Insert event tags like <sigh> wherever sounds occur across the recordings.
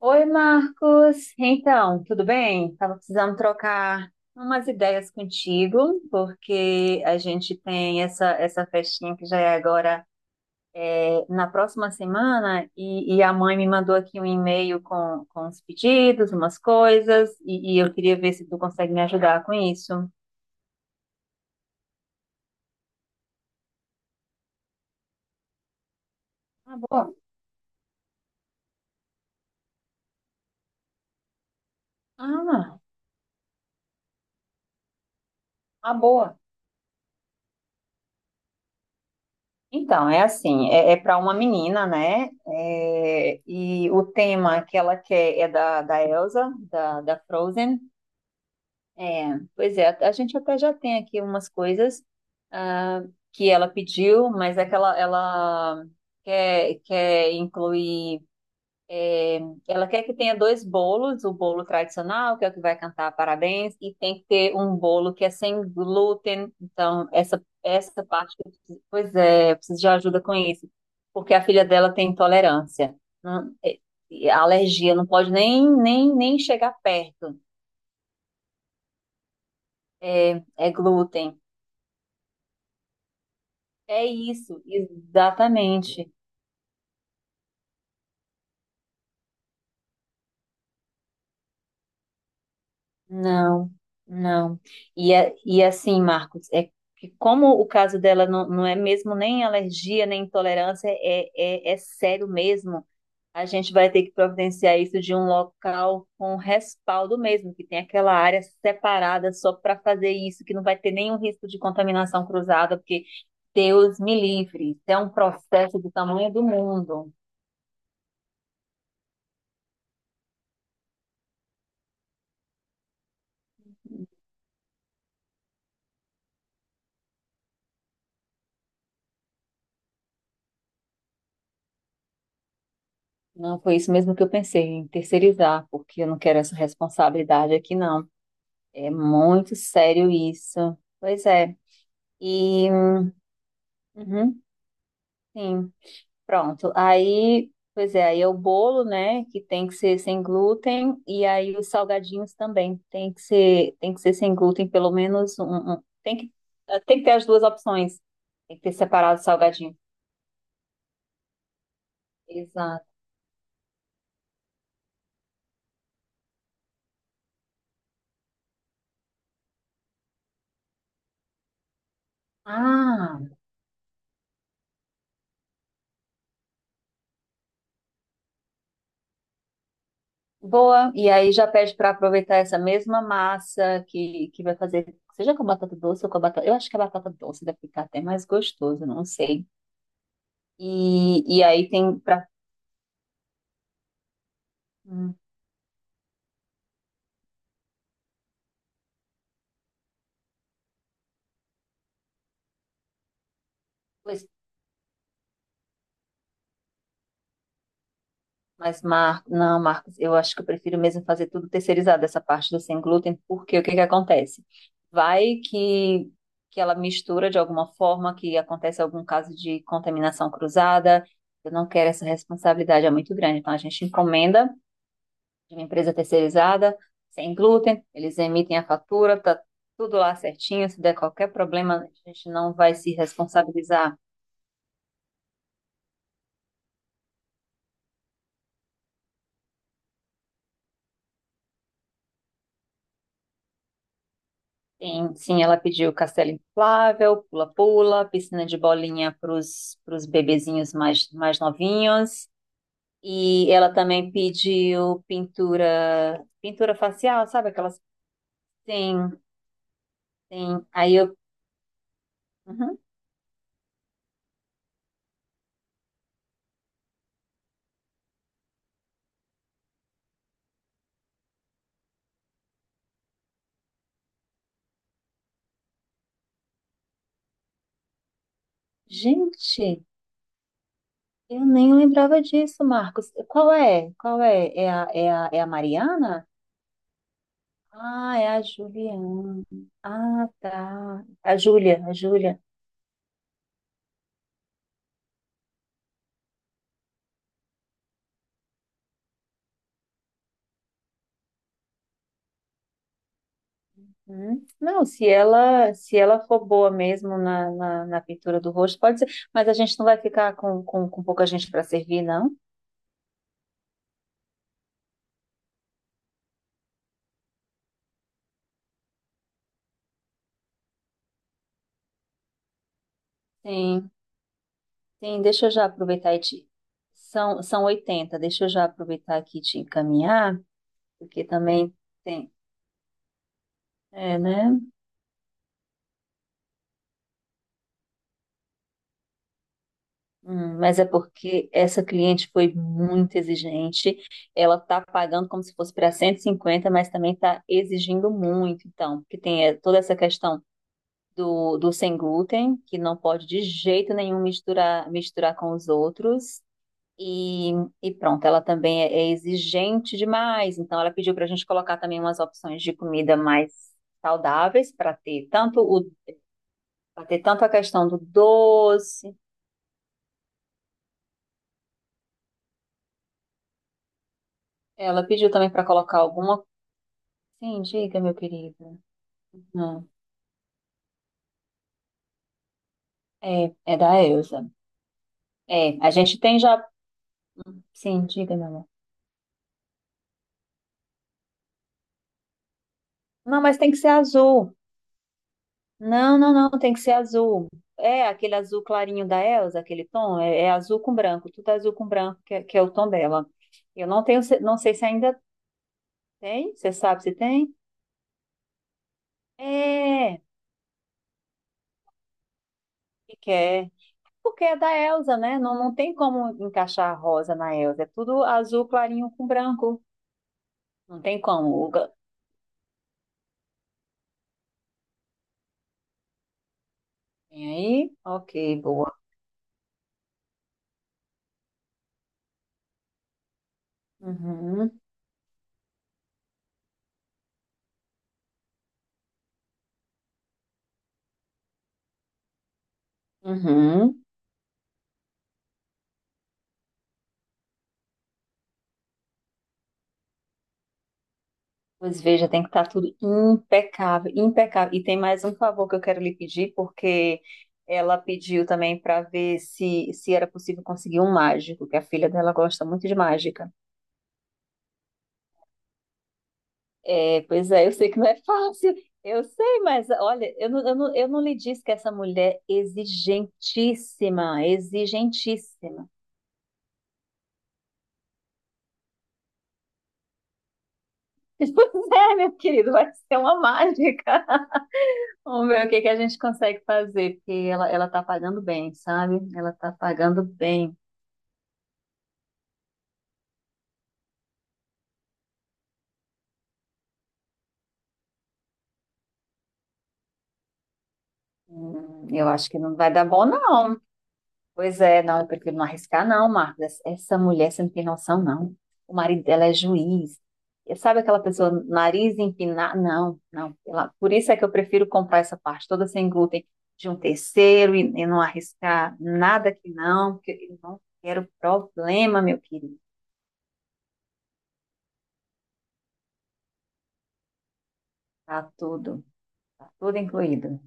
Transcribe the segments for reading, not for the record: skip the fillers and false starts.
Oi, Marcos. Então, tudo bem? Estava precisando trocar umas ideias contigo, porque a gente tem essa festinha que já é agora. É, na próxima semana, e a mãe me mandou aqui um e-mail com os pedidos, umas coisas, e eu queria ver se tu consegue me ajudar com isso. Ah, boa. Ah, ah, boa. Então, é assim, para uma menina, né? É, e o tema que ela quer é da Elsa, da Frozen. É, pois é, a gente até já tem aqui umas coisas ah, que ela pediu, mas é que ela quer incluir, ela quer que tenha dois bolos, o bolo tradicional, que é o que vai cantar parabéns, e tem que ter um bolo que é sem glúten. Então essa parte, que pois é, eu preciso de ajuda com isso, porque a filha dela tem intolerância, não- é- é alergia, não pode nem chegar perto, é glúten. É isso, exatamente. Não, não. E assim, Marcos, é que como o caso dela não é mesmo nem alergia, nem intolerância, é sério mesmo. A gente vai ter que providenciar isso de um local com respaldo mesmo, que tem aquela área separada só para fazer isso, que não vai ter nenhum risco de contaminação cruzada, porque Deus me livre, isso é um processo do tamanho do mundo. Não, foi isso mesmo que eu pensei, em terceirizar, porque eu não quero essa responsabilidade aqui, não. É muito sério isso. Pois é. E, uhum, sim, pronto. Aí, pois é, aí é o bolo, né, que tem que ser sem glúten, e aí os salgadinhos também tem que ser sem glúten, pelo menos um tem que ter as duas opções. Tem que ter separado o salgadinho. Exato. Ah! Boa, e aí já pede para aproveitar essa mesma massa que vai fazer, seja com batata doce ou com a batata. Eu acho que a batata doce deve ficar até mais gostoso, não sei. E aí tem para. Pois, mas Marcos, não, Marcos, eu acho que eu prefiro mesmo fazer tudo terceirizado, essa parte do sem glúten, porque o que que acontece? Vai que, ela mistura de alguma forma, que acontece algum caso de contaminação cruzada. Eu não quero essa responsabilidade, é muito grande. Então a gente encomenda de uma empresa terceirizada, sem glúten, eles emitem a fatura, tá tudo lá certinho, se der qualquer problema, a gente não vai se responsabilizar. Tem, sim, ela pediu castelo inflável, pula-pula, piscina de bolinha para os bebezinhos mais novinhos. E ela também pediu pintura facial, sabe aquelas? Tem, tem. Uhum. Gente, eu nem lembrava disso, Marcos. Qual é? Qual é? É a Mariana? Ah, é a Juliana. Ah, tá. A Júlia, a Júlia. Hum. Não, se ela for boa mesmo na pintura do rosto, pode ser. Mas a gente não vai ficar com pouca gente para servir, não? Sim, sim. Deixa eu já aproveitar e te. São 80. Deixa eu já aproveitar aqui e te encaminhar, porque também tem. É, né? Mas é porque essa cliente foi muito exigente. Ela está pagando como se fosse para 150, mas também está exigindo muito, então, porque tem toda essa questão do sem glúten, que não pode de jeito nenhum misturar, misturar com os outros. E, e pronto, ela também é exigente demais. Então, ela pediu para a gente colocar também umas opções de comida mais saudáveis, para ter tanto a questão do doce. Ela pediu também para colocar alguma Sim, diga, meu querido. Não, é da Elsa. É, a gente tem já. Sim, diga, meu amor. Não, mas tem que ser azul. Não, não, não, tem que ser azul. É aquele azul clarinho da Elsa, aquele tom. É azul com branco, tudo azul com branco, é que é o tom dela. Eu não tenho, não sei se ainda tem. Você sabe se tem? É, e quer. Porque é da Elsa, né? Não, não tem como encaixar a rosa na Elsa. É tudo azul clarinho com branco. Não tem como. Vem aí? Ok, boa. Uhum, uhum. Pois veja, tem que estar tudo impecável, impecável. E tem mais um favor que eu quero lhe pedir, porque ela pediu também para ver se era possível conseguir um mágico, que a filha dela gosta muito de mágica. É, pois é, eu sei que não é fácil, eu sei, mas olha, eu não lhe disse que essa mulher é exigentíssima, exigentíssima. <laughs> Pois é, meu querido, vai ser uma mágica. Vamos ver o que que a gente consegue fazer, porque ela tá pagando bem, sabe? Ela tá pagando bem. Eu acho que não vai dar bom, não. Pois é, não, eu prefiro não arriscar, não, Marcos. Essa mulher, você não tem noção, não. O marido dela é juiz. E sabe aquela pessoa, nariz empinado? Não, não. Por isso é que eu prefiro comprar essa parte toda sem glúten de um terceiro, e não arriscar nada que não, porque eu não quero problema, meu querido. Tá tudo, tá tudo incluído.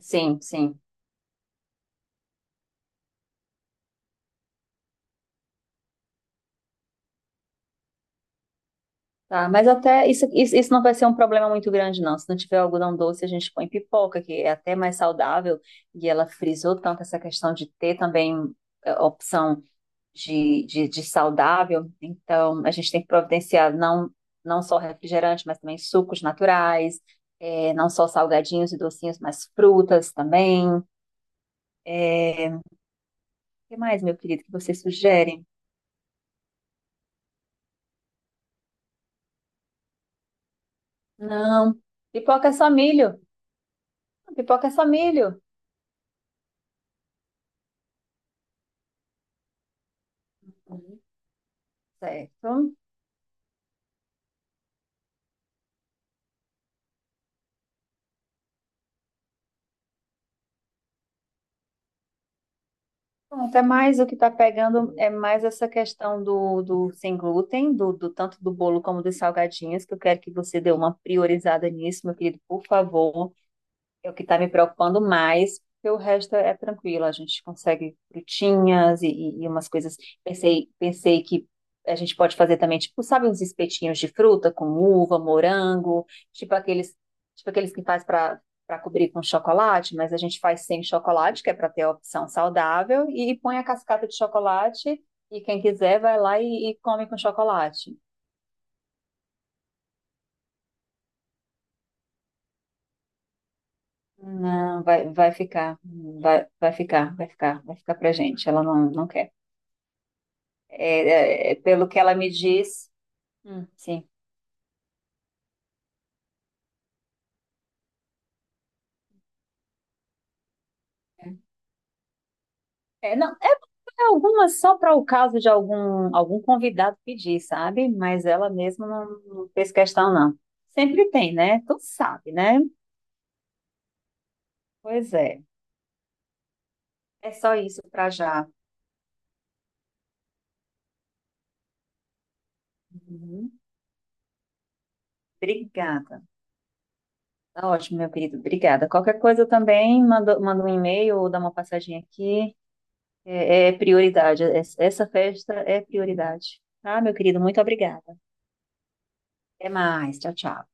Sim, sim. Tá, mas até isso não vai ser um problema muito grande, não. Se não tiver algodão doce, a gente põe pipoca, que é até mais saudável. E ela frisou tanto essa questão de ter também, opção de saudável. Então, a gente tem que providenciar não só refrigerante, mas também sucos naturais, não só salgadinhos e docinhos, mas frutas também. É, o que mais, meu querido, que vocês sugerem? Não, pipoca é só milho. Pipoca é só milho. Certo. Até mais o que está pegando é mais essa questão do sem glúten, do tanto do bolo como dos salgadinhos, que eu quero que você dê uma priorizada nisso, meu querido, por favor. É o que está me preocupando mais, porque o resto é tranquilo, a gente consegue frutinhas e umas coisas. Pensei que a gente pode fazer também, tipo, sabe, uns espetinhos de fruta com uva, morango, tipo aqueles, tipo aqueles que faz para cobrir com chocolate, mas a gente faz sem chocolate, que é para ter a opção saudável, e põe a cascata de chocolate, e quem quiser vai lá e come com chocolate. Não, vai ficar, vai ficar, vai ficar, vai ficar pra gente. Ela não quer. É, pelo que ela me diz. Hum. Sim. É, não, é algumas só para o caso de algum convidado pedir, sabe? Mas ela mesma não fez questão, não. Sempre tem, né? Tu sabe, né? Pois é. É só isso para já. Uhum. Obrigada. Tá ótimo, meu querido. Obrigada. Qualquer coisa eu também mando um e-mail ou dá uma passadinha aqui. É prioridade. Essa festa é prioridade. Tá, meu querido? Muito obrigada. Até mais. Tchau, tchau.